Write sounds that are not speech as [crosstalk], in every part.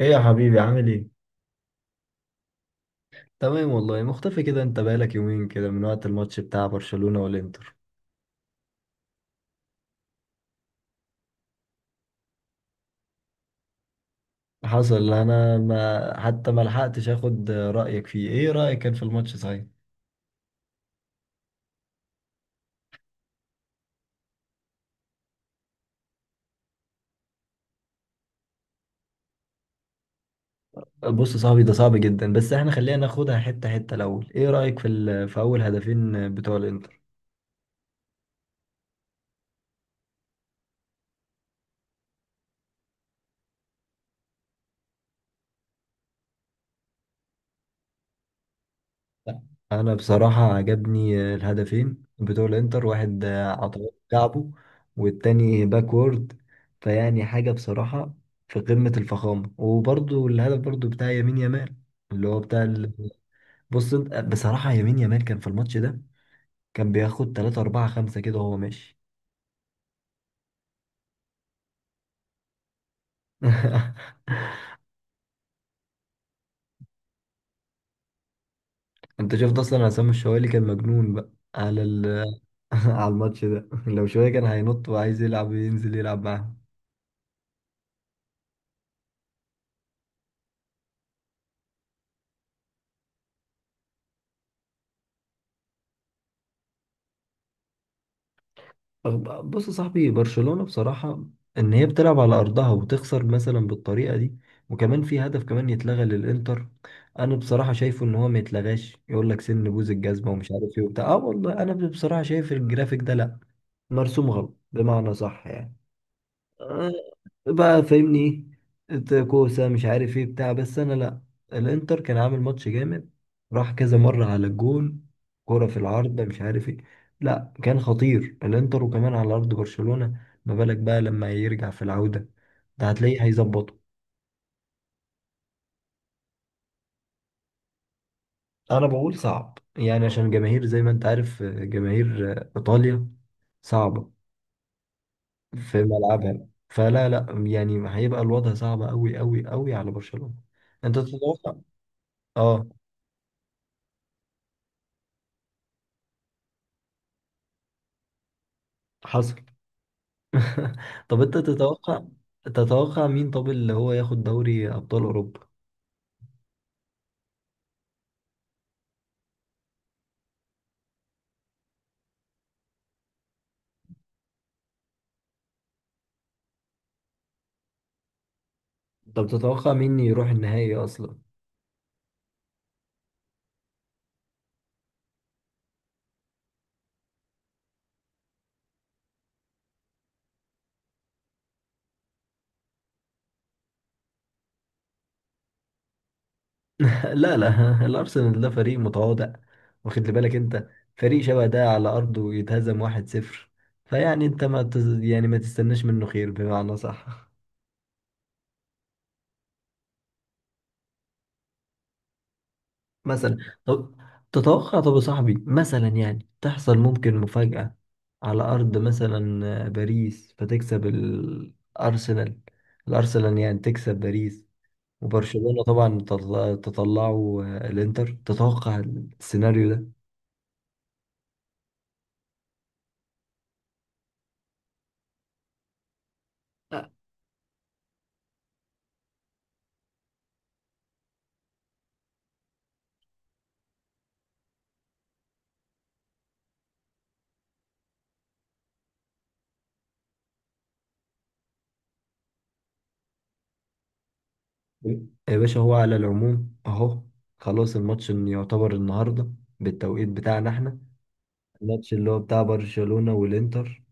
ايه يا حبيبي عامل ايه؟ تمام والله، مختفي كده. انت بقالك يومين كده من وقت الماتش بتاع برشلونة والانتر. حصل. انا ما حتى ما لحقتش اخد رأيك فيه. ايه رأيك كان في الماتش، صحيح؟ بص يا صاحبي، ده صعب جدا، بس احنا خلينا ناخدها حتة حتة الاول. ايه رأيك في في اول هدفين بتوع الانتر؟ انا بصراحة عجبني الهدفين بتوع الانتر، واحد عطاه كعبه والتاني باكورد. فيعني حاجة بصراحة في قمة الفخامة. وبرضو الهدف، برضو بتاع يمين يمال، اللي هو بتاع بص. انت بصراحة، يمين يمال كان في الماتش ده، كان بياخد 3 4 5 كده وهو ماشي. [laughs] انت شفت اصلا عصام الشوالي كان مجنون بقى على ال... [laughs] على الماتش ده. [laughs] لو شوية كان هينط وعايز يلعب، ينزل يلعب معاهم. بص يا صاحبي، برشلونة بصراحة، ان هي بتلعب على ارضها وتخسر مثلا بالطريقة دي، وكمان في هدف كمان يتلغى للانتر، انا بصراحة شايفه ان هو ما يتلغاش. يقول لك سن بوز الجزمة ومش عارف ايه وبتاع. اه والله انا بصراحة شايف الجرافيك ده لا، مرسوم غلط، بمعنى صح يعني. آه، بقى فاهمني ايه. إنت كوسه مش عارف ايه بتاع بس انا لا. الانتر كان عامل ماتش جامد، راح كذا مره على الجون، كرة في العارضه مش عارف ايه. لا، كان خطير الانتر، وكمان على ارض برشلونه. ما بالك بقى لما يرجع في العوده، ده هتلاقيه هيظبطه. انا بقول صعب يعني، عشان جماهير زي ما انت عارف، جماهير ايطاليا صعبه في ملعبها. فلا لا يعني، هيبقى الوضع صعب قوي قوي قوي على برشلونه. انت تتوقع. اه. حصل. [laughs] طب انت تتوقع، تتوقع مين طب اللي هو ياخد دوري ابطال اوروبا؟ طب تتوقع مين يروح النهائي اصلا؟ [laughs] لا لا، الارسنال ده فريق متواضع، واخد لي بالك انت. فريق شبه ده على ارضه يتهزم 1-0. فيعني انت ما تز... يعني ما تستناش منه خير، بمعنى صح. مثلا. طب تتوقع، طب يا صاحبي مثلا يعني تحصل ممكن مفاجأة على أرض مثلا باريس، فتكسب الأرسنال، الأرسنال يعني تكسب باريس، وبرشلونة طبعا تطلعوا. الإنتر تتوقع السيناريو ده؟ لا، يا باشا هو على العموم أهو، خلاص الماتش إن يعتبر النهاردة بالتوقيت بتاعنا احنا. الماتش اللي هو بتاع برشلونة والإنتر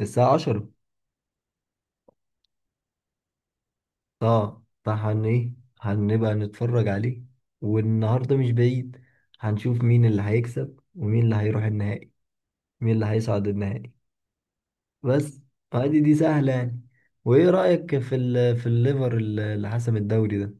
الساعة 10. اه فهن ايه، هنبقى نتفرج عليه. والنهارده مش بعيد، هنشوف مين اللي هيكسب ومين اللي هيروح النهائي، مين اللي هيصعد النهائي بس. عادي دي سهلة يعني. وايه رأيك في في الليفر اللي حسم الدوري ده؟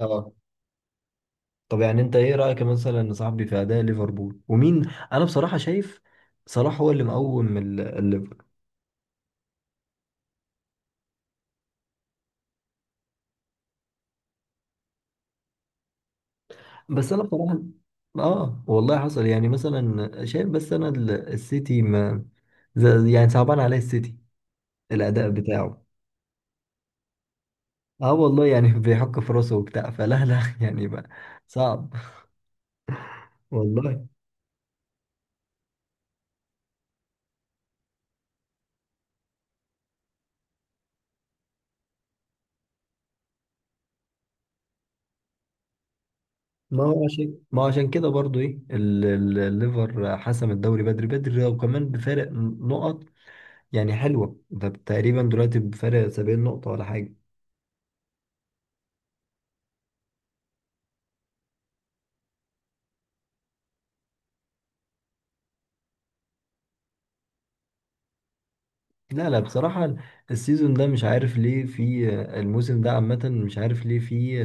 اه. طب يعني انت ايه رأيك مثلا يا صاحبي في اداء ليفربول ومين؟ انا بصراحة شايف صلاح هو اللي مقوم الليفر. بس انا بصراحة، اه والله حصل يعني مثلا شايف. بس انا السيتي، ما زي- يعني صعبان عليه السيتي الأداء بتاعه. اه والله يعني، [laughs] بيحك في راسه وبتاع، فلا لا يعني بقى صعب والله. ما هو عشان كده برضو ايه الليفر حسم الدوري بدري بدري، وكمان بفارق نقط. يعني حلوة ده. تقريبا دلوقتي بفارق 70 نقطة ولا حاجة. لا لا بصراحة، السيزون ده مش عارف ليه في، الموسم ده عامة مش عارف ليه في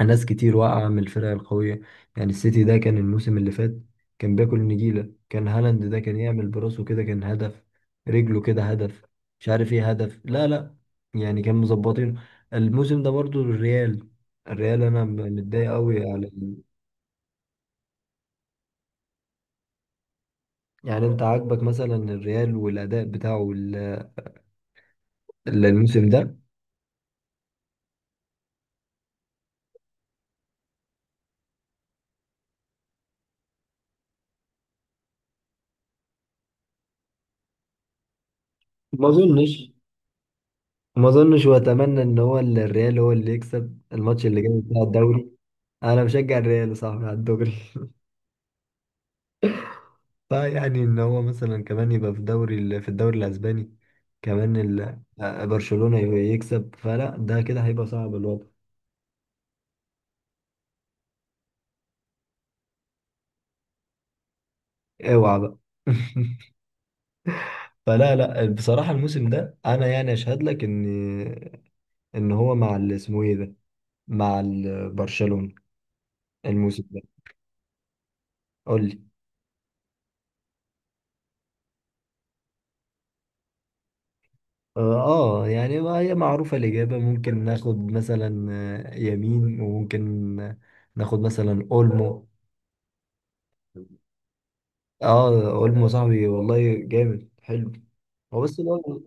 ناس كتير واقعة من الفرق القوية. يعني السيتي ده كان الموسم اللي فات كان بياكل نجيلة، كان هالاند ده كان يعمل براسه كده كان هدف، رجله كده هدف، مش عارف ايه هدف. لا لا يعني، كان مظبطين. الموسم ده برضو الريال، الريال انا متضايق قوي على يعني انت عاجبك مثلا الريال والاداء بتاعه الموسم ده؟ ما اظنش، ما اظنش. واتمنى ان هو الريال هو اللي يكسب الماتش اللي جاي بتاع الدوري. انا بشجع الريال يا صاحبي على الدوري. فيعني ان هو مثلا كمان يبقى في دوري في الدوري الاسباني كمان برشلونة يكسب، فلا ده كده هيبقى صعب الوضع. اوعى بقى. [laughs] فلا لا بصراحة، الموسم ده انا يعني اشهد لك ان، ان هو مع اسمه ايه ده، مع برشلونة الموسم ده. قول لي. اه. يعني ما هي معروفة الإجابة. ممكن ناخد مثلا يمين، وممكن ناخد مثلا أولمو. اه، اولمو صاحبي والله جامد حلو. هو بس لو.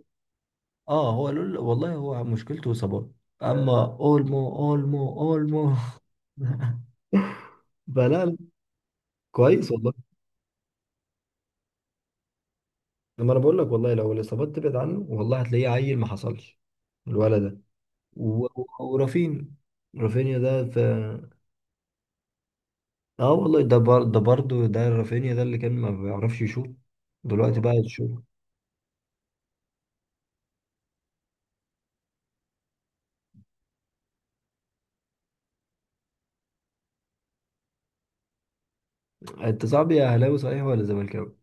اه، هو لول والله، هو مشكلته اصابات. اما اولمو اولمو اولمو. [laughs] فلا لا، كويس والله. لما انا بقول لك، والله لو الاصابات تبعد عنه، والله هتلاقيه عيل ما حصلش الولد ده. و- و- ورافين رافينيا ده في، اه والله ده برضه ده رافينيا ده اللي كان ما بيعرفش يشوط، دلوقتي بقى يشوط. انت صاحبي يا اهلاوي صحيح ولا زملكاوي؟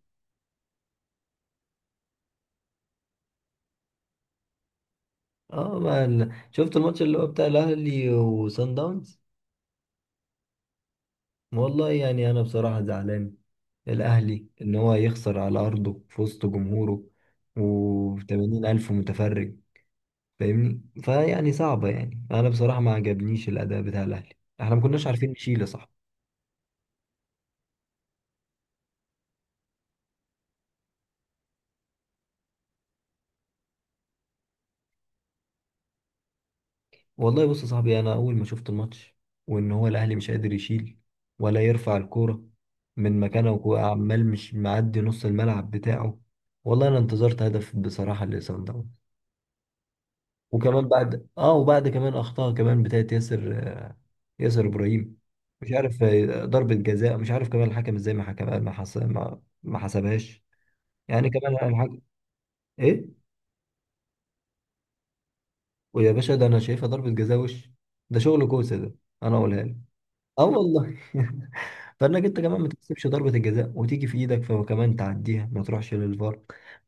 اه، ما شفت الماتش اللي هو بتاع الاهلي وصن داونز. والله يعني انا بصراحه زعلان الاهلي ان هو يخسر على ارضه في وسط جمهوره و80,000 متفرج. فاهمني؟ فيعني صعبه. يعني انا بصراحه ما عجبنيش الاداء بتاع الاهلي. احنا ما كناش عارفين نشيل يا صاحبي. والله بص يا صاحبي، انا اول ما شفت الماتش وان هو الاهلي مش قادر يشيل ولا يرفع الكوره من مكانه، وعمال مش معدي نص الملعب بتاعه. والله انا انتظرت هدف بصراحه لصن داونز. وكمان بعد وبعد كمان اخطاء كمان بتاعت ياسر، ياسر ابراهيم. مش عارف ضربة جزاء، مش عارف كمان الحكم ازاي ما حكم ما حس... ما... ما حسبهاش. يعني كمان الحكم ايه. ويا باشا ده انا شايفها ضربة جزاء وش، ده شغل كوسة ده، انا اقولها لك. اه والله. [laughs] فانك انت كمان ما تكسبش ضربة الجزاء وتيجي في ايدك، فكمان تعديها ما تروحش للفار.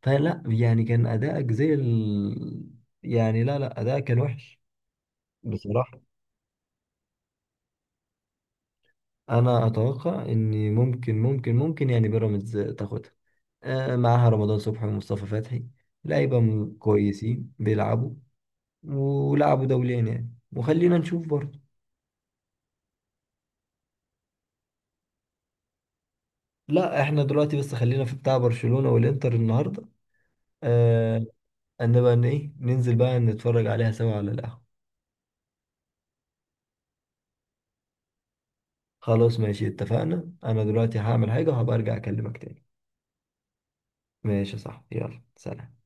فلا يعني كان ادائك زي يعني لا لا، ادائك كان وحش. بصراحة، انا اتوقع ان ممكن يعني بيراميدز تاخدها، معاها رمضان صبحي ومصطفى فتحي. لعيبه كويسين بيلعبوا، ولعبوا دوليا يعني. وخلينا نشوف برضه. لا، احنا دلوقتي بس خلينا في بتاع برشلونة والانتر النهارده. آه. نبقى ان ايه ننزل بقى نتفرج عليها سوا على القهوة. خلاص ماشي، اتفقنا. انا دلوقتي هعمل حاجة وهبقى ارجع اكلمك تاني. ماشي يا صاحبي، يلا سلام.